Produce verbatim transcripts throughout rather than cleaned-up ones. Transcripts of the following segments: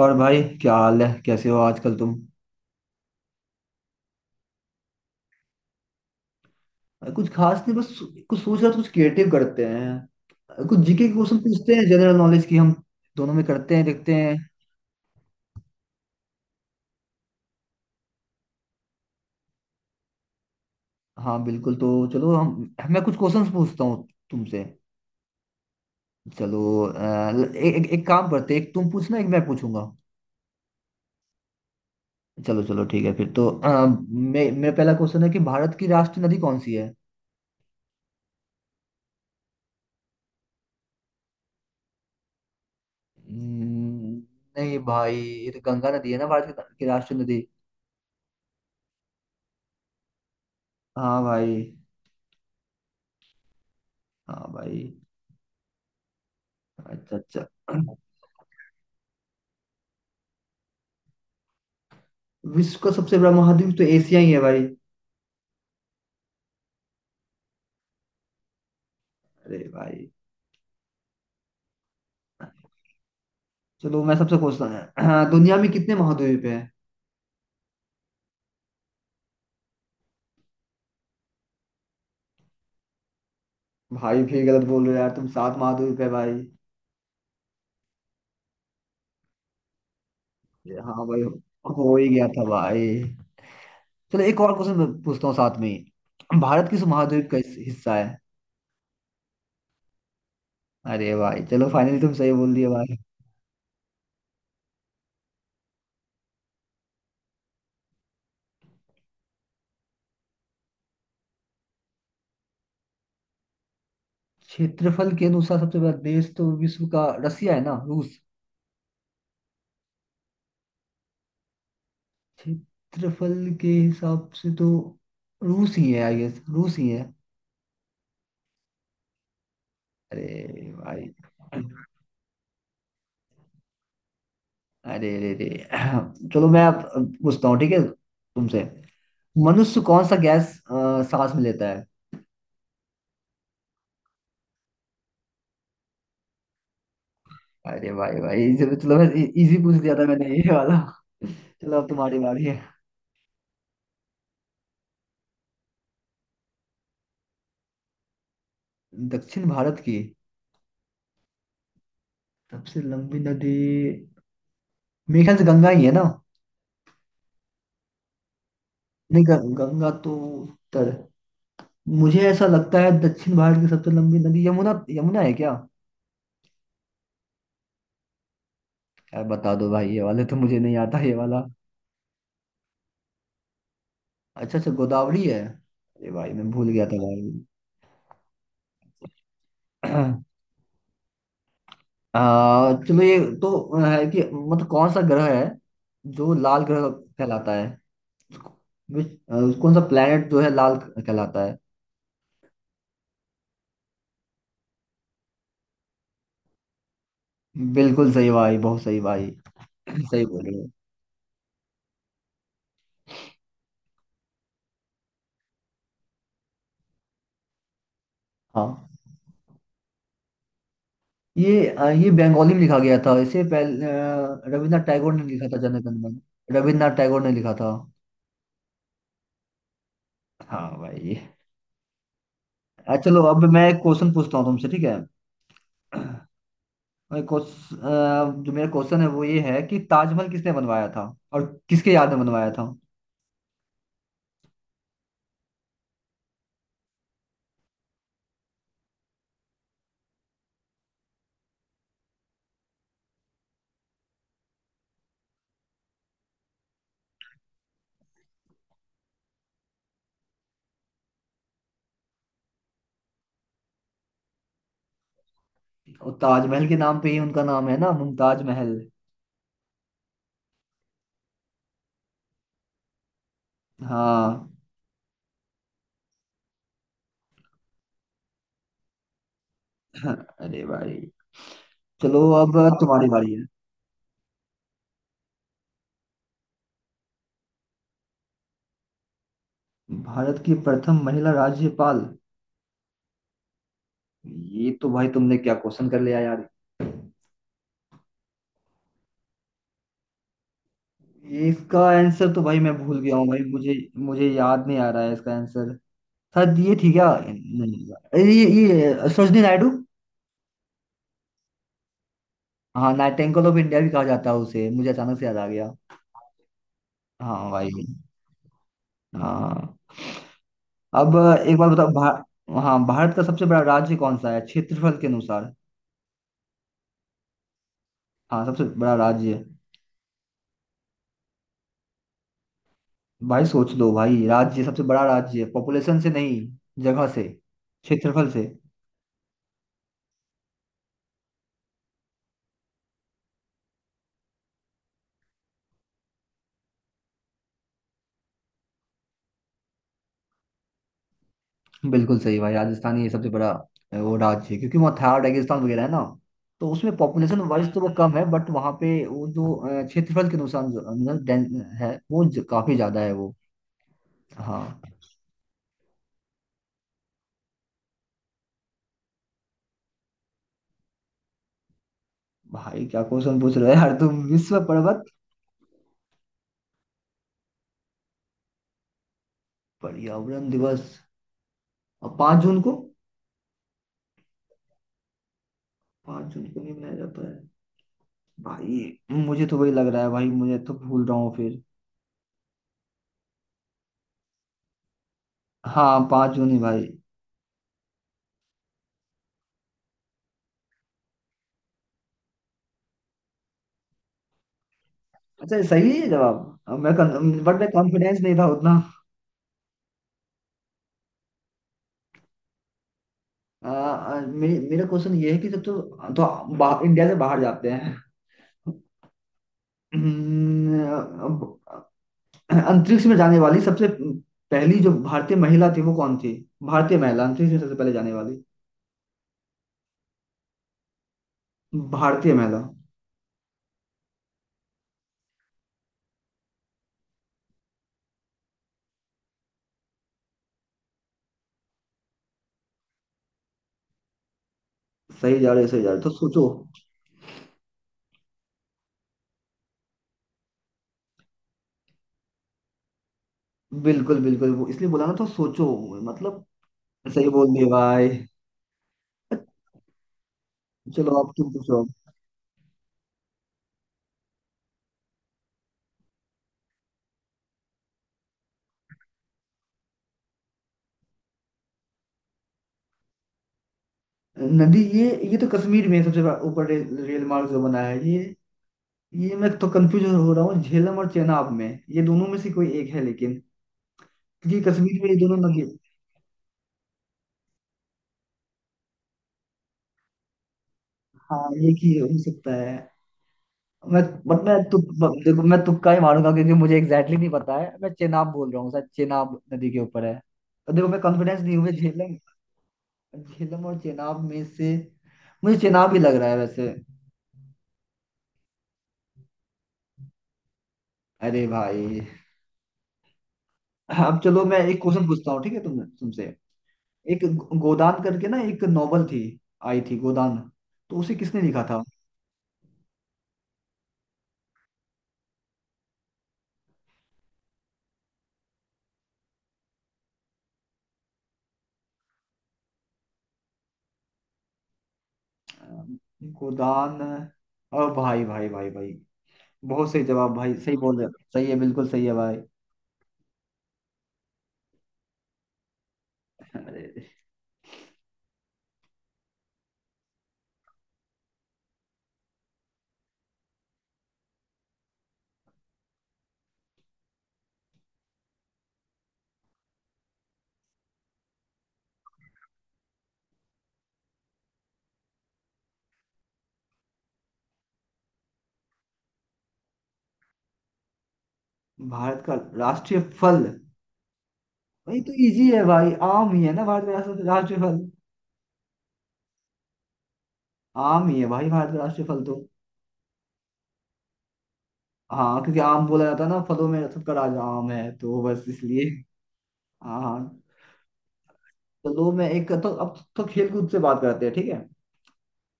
और भाई क्या हाल है, कैसे हो आजकल तुम? कुछ खास नहीं। बस कुछ सोच रहा था, कुछ क्रिएटिव करते हैं, कुछ जीके के क्वेश्चन पूछते हैं, जनरल नॉलेज की हम दोनों में करते हैं, देखते हैं। हाँ बिल्कुल, तो चलो हम मैं कुछ क्वेश्चंस पूछता हूँ तुमसे। चलो अ, ल- ए, एक एक काम करते हैं, एक तुम पूछना, एक मैं पूछूंगा। चलो चलो, ठीक है फिर। तो अ, मे, मेरा पहला क्वेश्चन है कि भारत की राष्ट्रीय नदी कौन सी है? हम्म, नहीं भाई, ये तो गंगा नदी है ना, भारत की की राष्ट्रीय नदी। हाँ भाई। हाँ भाई। अच्छा अच्छा। विश्व का सबसे बड़ा महाद्वीप तो एशिया ही है भाई। अरे भाई। चलो मैं सबसे पूछता हूँ। हाँ, दुनिया में कितने महाद्वीप हैं? भाई फिर गलत बोल रहे हो यार तुम, सात महाद्वीप है भाई। ये हाँ भाई, हो हो ही गया था भाई। चलो एक और क्वेश्चन पूछता हूँ साथ में ही, भारत किस महाद्वीप का हिस- हिस्सा है? अरे भाई, चलो फाइनली तुम सही बोल दिए भाई। क्षेत्रफल के अनुसार सबसे बड़ा देश तो विश्व का रसिया है ना, रूस। क्षेत्रफल के हिसाब से तो रूस ही है, आई गेस रूस ही है। अरे भाई। अरे अरे अरे, चलो मैं अब अब पूछता हूँ ठीक है, तुमसे। मनुष्य कौन सा गैस अ, सांस में लेता है? अरे भाई भाई, इसे भी- चलो मैं इजी पूछ लिया था मैंने ये वाला। चलो अब तुम्हारी बारी है। दक्षिण भारत की सबसे लंबी नदी, मेरे ख्याल से गंगा ही है ना। नहीं, ग- गंगा तो उत्तर। मुझे ऐसा लगता है दक्षिण भारत की सबसे लंबी नदी यमुना, यमुना है क्या? यार बता दो भाई, ये वाले तो मुझे नहीं आता ये वाला। अच्छा अच्छा, गोदावरी है। अरे भाई मैं भूल गया था भाई। आ, चलो ये तो है कि मतलब कौन सा ग्रह है जो लाल ग्रह कहलाता है? Which- अ, कौन सा प्लेनेट जो है लाल कहलाता है? बिल्कुल सही भाई, बहुत सही भाई। सही बोल रहे हो। हाँ, ये अ, ये बंगाली में लिखा गया था, इससे पहले अ, रविन्द्रनाथ टैगोर ने लिखा था जनगण मन। रविन्द्रनाथ टैगोर ने लिखा था। हाँ भाई। अ, चलो अब मैं एक क्वेश्चन पूछता हूँ तुमसे, ठीक है। अ, क्वेश्च- अ, जो मेरा क्वेश्चन है वो ये है कि ताजमहल किसने बनवाया था और किसके याद में बनवाया था? और ताजमहल के नाम पे ही उनका नाम है ना, मुमताज महल। हाँ। अरे भाई, चलो अब तुम्हारी बारी है। भारत की प्रथम महिला राज्यपाल, ये तो भाई तुमने क्या क्वेश्चन कर लिया यार। ये इसका आंसर तो भाई मैं भूल गया हूँ भाई, मुझे मुझे याद नहीं आ रहा है इसका आंसर। शायद ये थी क्या, नहीं, अरे ये ये सरोजनी नायडू। हाँ, नाइटिंगेल ऑफ इंडिया भी कहा जाता है उसे, मुझे अचानक से याद आ गया। हाँ भाई। हाँ। अब एक बार बताओ भा, हाँ, भारत का सबसे बड़ा राज्य कौन सा है क्षेत्रफल के अनुसार? हाँ सबसे बड़ा राज्य। भाई सोच लो भाई, राज्य सबसे बड़ा राज्य, पॉपुलेशन से नहीं, जगह से, क्षेत्रफल से। बिल्कुल सही भाई, राजस्थान ही सबसे बड़ा अ, वो राज्य है, क्योंकि वहाँ थार रेगिस्तान वगैरह है ना। तो उसमें पॉपुलेशन वाइज तो वो कम है, बट वहाँ पे वो जो अ, क्षेत्रफल के अनुसार जो- अनुसार डेन- है वो ज- काफी ज्यादा है वो। हाँ। भाई क्या क्वेश्चन पूछ रहे हो यार तुम, विश्व पर्वत? पर्यावरण दिवस, और पाँच जून को। पाँच जून को नहीं मनाया जाता है? भाई मुझे तो वही लग रहा है भाई, मुझे तो भूल रहा हूँ फिर। हाँ पाँच जून ही भाई। अच्छा, सही है जवाब। अब मैं, बट मैं कॉन्फिडेंस नहीं था उतना। आ, आ, मे, मेरा क्वेश्चन ये है कि जब तो, तो बाहर, इंडिया से बाहर जाते हैं। हम्म, अब अंतरिक्ष में जाने वाली सबसे पहली जो भारतीय महिला थी वो कौन थी? भारतीय महिला, अंतरिक्ष में सबसे पहले जाने वाली भारतीय महिला। सही जा रहे हो, सही जा रहे हो, तो सोचो। बिल्कुल बिल्कुल, वो इसलिए बोला ना तो सोचो मतलब। सही बोल दिए भाई। चलो आप तुम पूछो अब। नदी ये ये तो कश्मीर में सबसे बड़ा ऊपर रे, रेल मार्ग जो बना है ये ये मैं तो कंफ्यूज हो रहा हूँ झेलम और चेनाब में। ये दोनों में से कोई एक है लेकिन, क्योंकि कश्मीर में ये दोनों नदी। हाँ एक ही हो सकता है। मैं, बट मैं तुक ब- देखो मैं तुक्का ही मारूंगा, क्योंकि मुझे एग्जैक्टली नहीं पता है, मैं चेनाब बोल रहा हूँ, शायद चेनाब नदी के ऊपर है। तो देखो मैं कॉन्फिडेंस नहीं हूँ, झेलम, झेलम और चेनाब में से मुझे चेनाब ही लग रहा है वैसे। अरे भाई। अब चलो मैं एक क्वेश्चन पूछता हूँ ठीक है, तुम तुमसे। एक गो- गोदान करके ना एक नॉवल थी, आई थी गोदान, तो उसे किसने लिखा था? अ, गोदान, और भाई भाई भाई भाई, बहुत सही जवाब भाई, सही बोल रहे हो, सही है, बिल्कुल सही है भाई। अरे। भारत का राष्ट्रीय फल। भाई तो इजी है भाई, आम ही है ना, भारत का राष्ट्र- राष्ट्रीय फल। आम ही है भाई, भारत का राष्ट्रीय फल तो। हाँ क्योंकि आम बोला जाता है ना, फलों में सबका राजा आम है, तो बस इसलिए। हाँ हाँ। चलो मैं एक, तो अब तो तो खेल कूद से बात करते हैं ठीक है।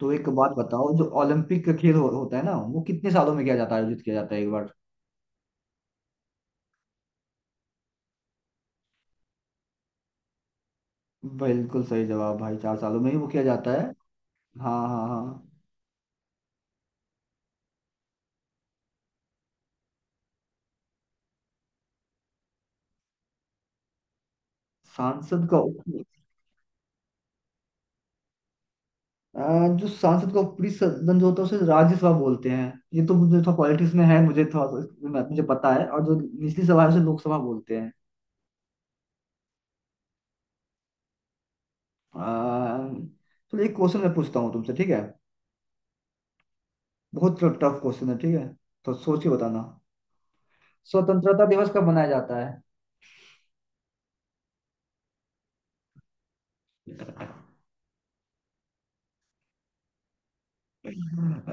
तो एक बात बताओ, जो ओलंपिक का खेल हो, होता है ना, वो कितने सालों में किया जाता है, आयोजित किया जाता है एक बार? बिल्कुल सही जवाब भाई, चार सालों में ही वो किया जाता है। हाँ हाँ हाँ। सांसद का आ, जो सांसद का ऊपरी सदन जो होता है उसे राज्यसभा बोलते हैं। ये तो मुझे थोड़ा पॉलिटिक्स में है, मुझे थोड़ा मैं- मुझे पता है, और जो निचली सभा है उसे लोकसभा बोलते हैं। आ, चलो एक क्वेश्चन मैं पूछता हूँ तुमसे, ठीक है। बहुत टफ क्वेश्चन है ठीक है, तो सोच के बताना। स्वतंत्रता दिवस कब मनाया जाता है?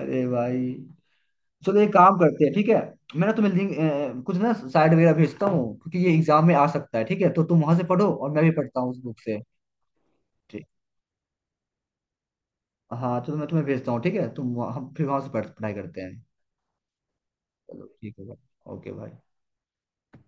अरे भाई। चलो एक काम करते हैं ठीक है, मैं ना तुम्हें लिंक, अ, कुछ ना साइड वगैरह भेजता हूँ, क्योंकि ये एग्जाम में आ सकता है ठीक है, तो तुम वहां से पढ़ो और मैं भी पढ़ता हूँ उस बुक से। ठीक। हाँ तो मैं तुम्हें भेजता हूँ ठीक है, तुम वहाँ- हम फिर वहां से पढ़- पढ़ाई करते हैं। चलो ठीक है भाई, ओके भाई।